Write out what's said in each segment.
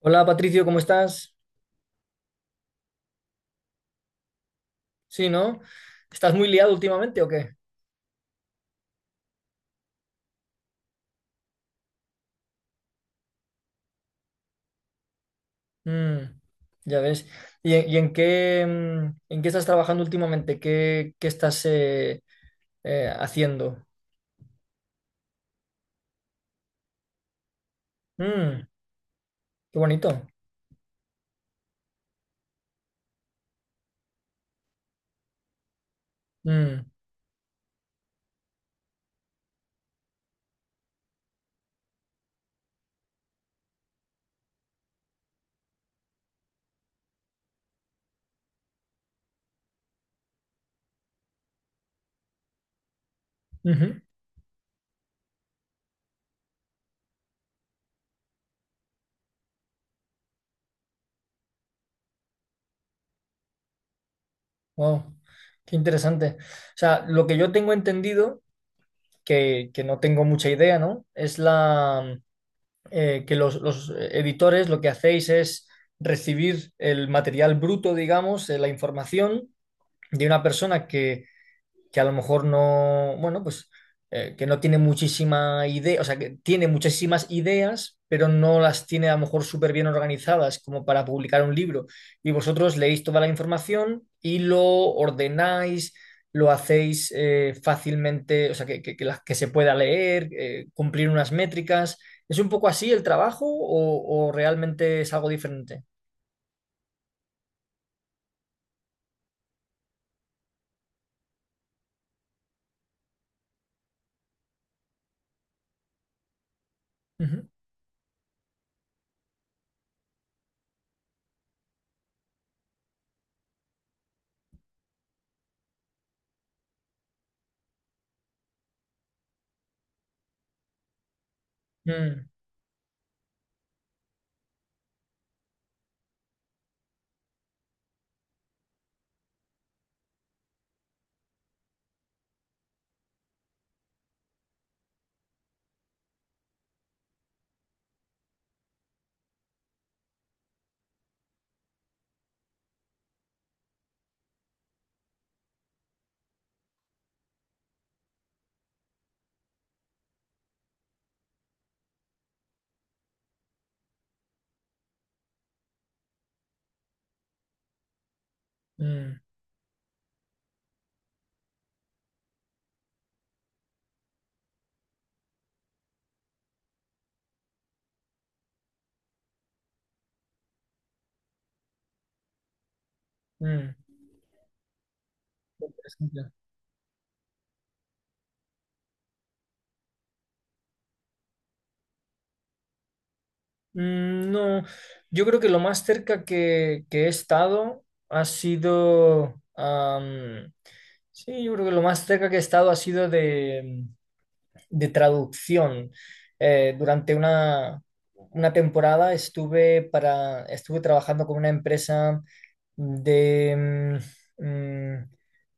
Hola Patricio, ¿cómo estás? Sí, ¿no? ¿Estás muy liado últimamente o qué? Mm, ya ves. ¿Y, en qué estás trabajando últimamente? ¿Qué estás haciendo? Mm, qué bonito. Mm, ujú. Wow, qué interesante. O sea, lo que yo tengo entendido, que no tengo mucha idea, ¿no? Es la, que los editores lo que hacéis es recibir el material bruto, digamos, la información de una persona que a lo mejor no, bueno, pues que no tiene muchísima idea, o sea, que tiene muchísimas ideas, pero no las tiene a lo mejor súper bien organizadas como para publicar un libro. Y vosotros leéis toda la información y lo ordenáis, lo hacéis fácilmente, o sea, que se pueda leer, cumplir unas métricas. ¿Es un poco así el trabajo o realmente es algo diferente? Ujú. Mm, mm, mm. Interesante. Mm, no, yo creo que lo más cerca que he estado ha sido, sí, yo creo que lo más cerca que he estado ha sido de traducción. Durante una temporada estuve, estuve trabajando con una empresa de, mm, mm,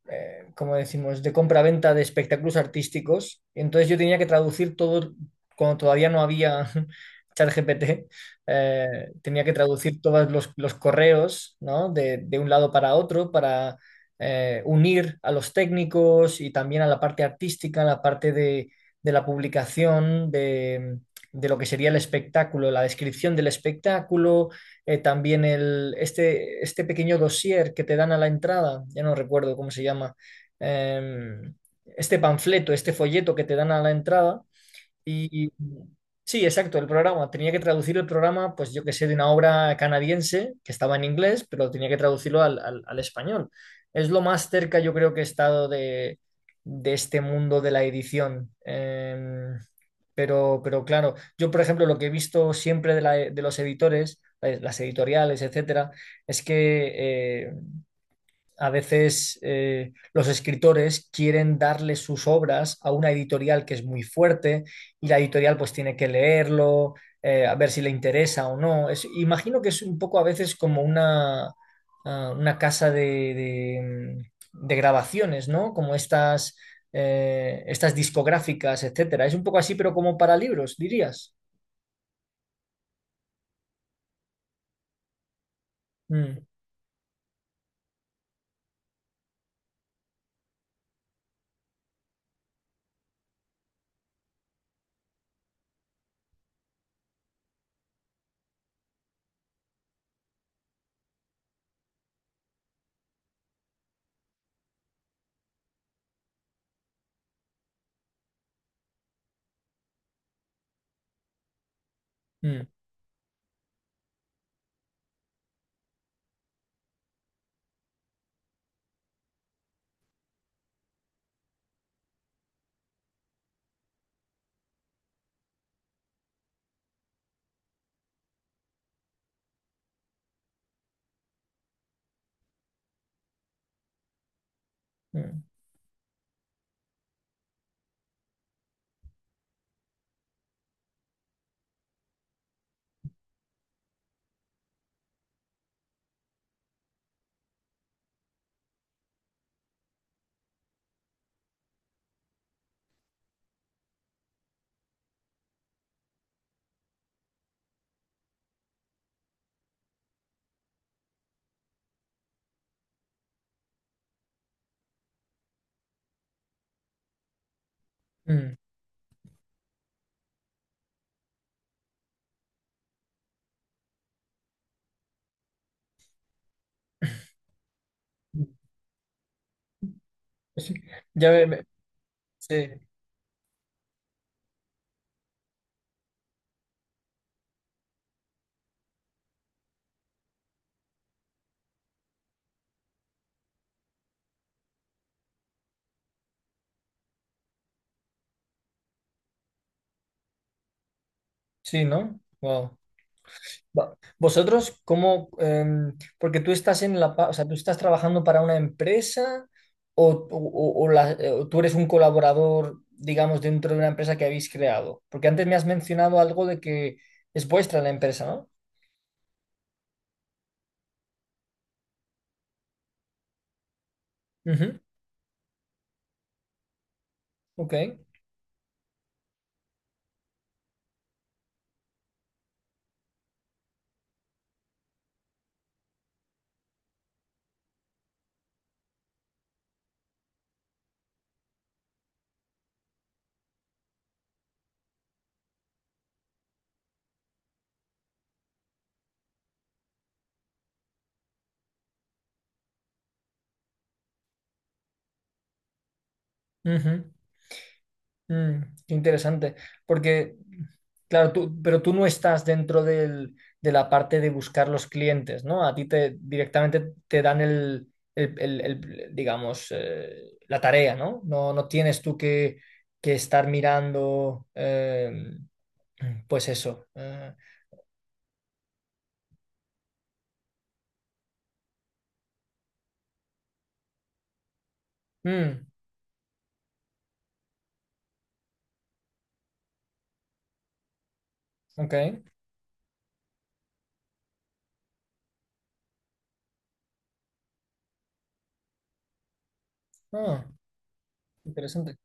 como decimos, de compra-venta de espectáculos artísticos. Entonces yo tenía que traducir todo cuando todavía no había ChatGPT, tenía que traducir todos los correos, ¿no?, de un lado para otro para unir a los técnicos y también a la parte artística, a la parte de la publicación de lo que sería el espectáculo, la descripción del espectáculo, también el, este pequeño dossier que te dan a la entrada, ya no recuerdo cómo se llama, eh, este panfleto, este folleto que te dan a la entrada. Y sí, exacto, el programa. Tenía que traducir el programa, pues yo que sé, de una obra canadiense que estaba en inglés, pero tenía que traducirlo al español. Es lo más cerca yo creo que he estado de este mundo de la edición. Pero claro, yo por ejemplo lo que he visto siempre de los editores, las editoriales, etcétera, es que a veces los escritores quieren darle sus obras a una editorial que es muy fuerte, y la editorial pues tiene que leerlo, a ver si le interesa o no. Imagino que es un poco a veces como una casa de- de grabaciones, ¿no? Como estas discográficas, etcétera. Es un poco así, pero como para libros, dirías. Mm, mm, mm, mm. Es- Ya ve- ve- sí, sí, ¿no? Wow. ¿Vosotros cómo? Porque tú estás o sea, tú estás trabajando para una empresa o tú eres un colaborador, digamos, dentro de una empresa que habéis creado. Porque antes me has mencionado algo de que es vuestra la empresa, ¿no? Ujú, ok. Ujú. Mm, qué interesante, porque, claro, pero tú no estás dentro de la parte de buscar los clientes, ¿no? A ti te directamente te dan digamos, la tarea, ¿no? No, no tienes tú que estar mirando, pues eso. Mm, ok. Ah, interesante.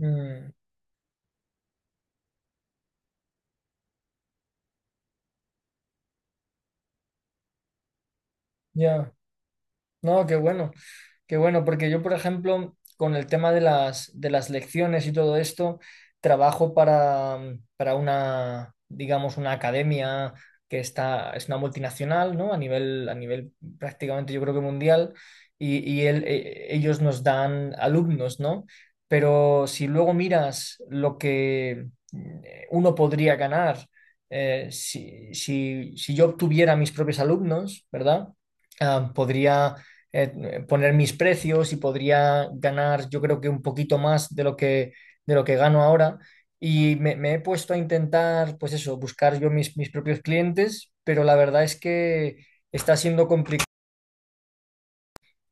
Mm, ya, no, qué bueno. Qué bueno, porque yo, por ejemplo, con el tema de las lecciones y todo esto, trabajo para una, digamos, una academia que está, es una multinacional, ¿no? A nivel prácticamente yo creo que mundial, y ellos nos dan alumnos, ¿no? Pero si luego miras lo que uno podría ganar, si yo obtuviera mis propios alumnos, ¿verdad? Ah, podría poner mis precios y podría ganar yo creo que un poquito más de lo que gano ahora. Y me he puesto a intentar, pues eso, buscar yo mis propios clientes, pero la verdad es que está siendo complicado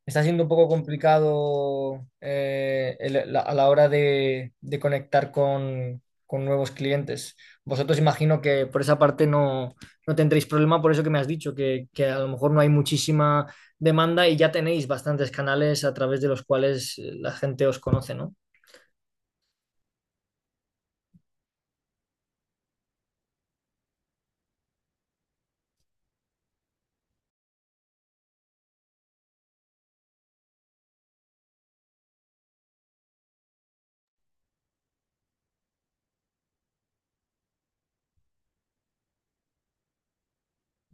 está siendo un poco complicado a la hora de conectar con nuevos clientes. Vosotros imagino que por esa parte no tendréis problema, por eso que me has dicho, que a lo mejor no hay muchísima demanda y ya tenéis bastantes canales a través de los cuales la gente os conoce, ¿no?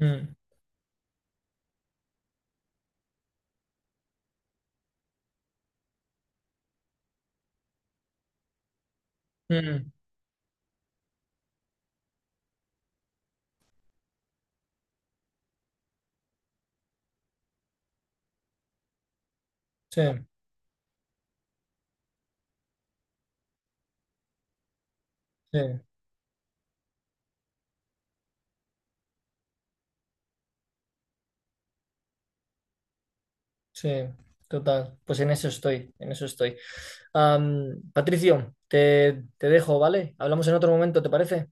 Mm, mm, sí, sí, sí, total. Pues en eso estoy, en eso estoy. Patricio, te dejo, ¿vale? Hablamos en otro momento, ¿te parece?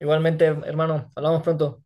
Igualmente, hermano, hablamos pronto.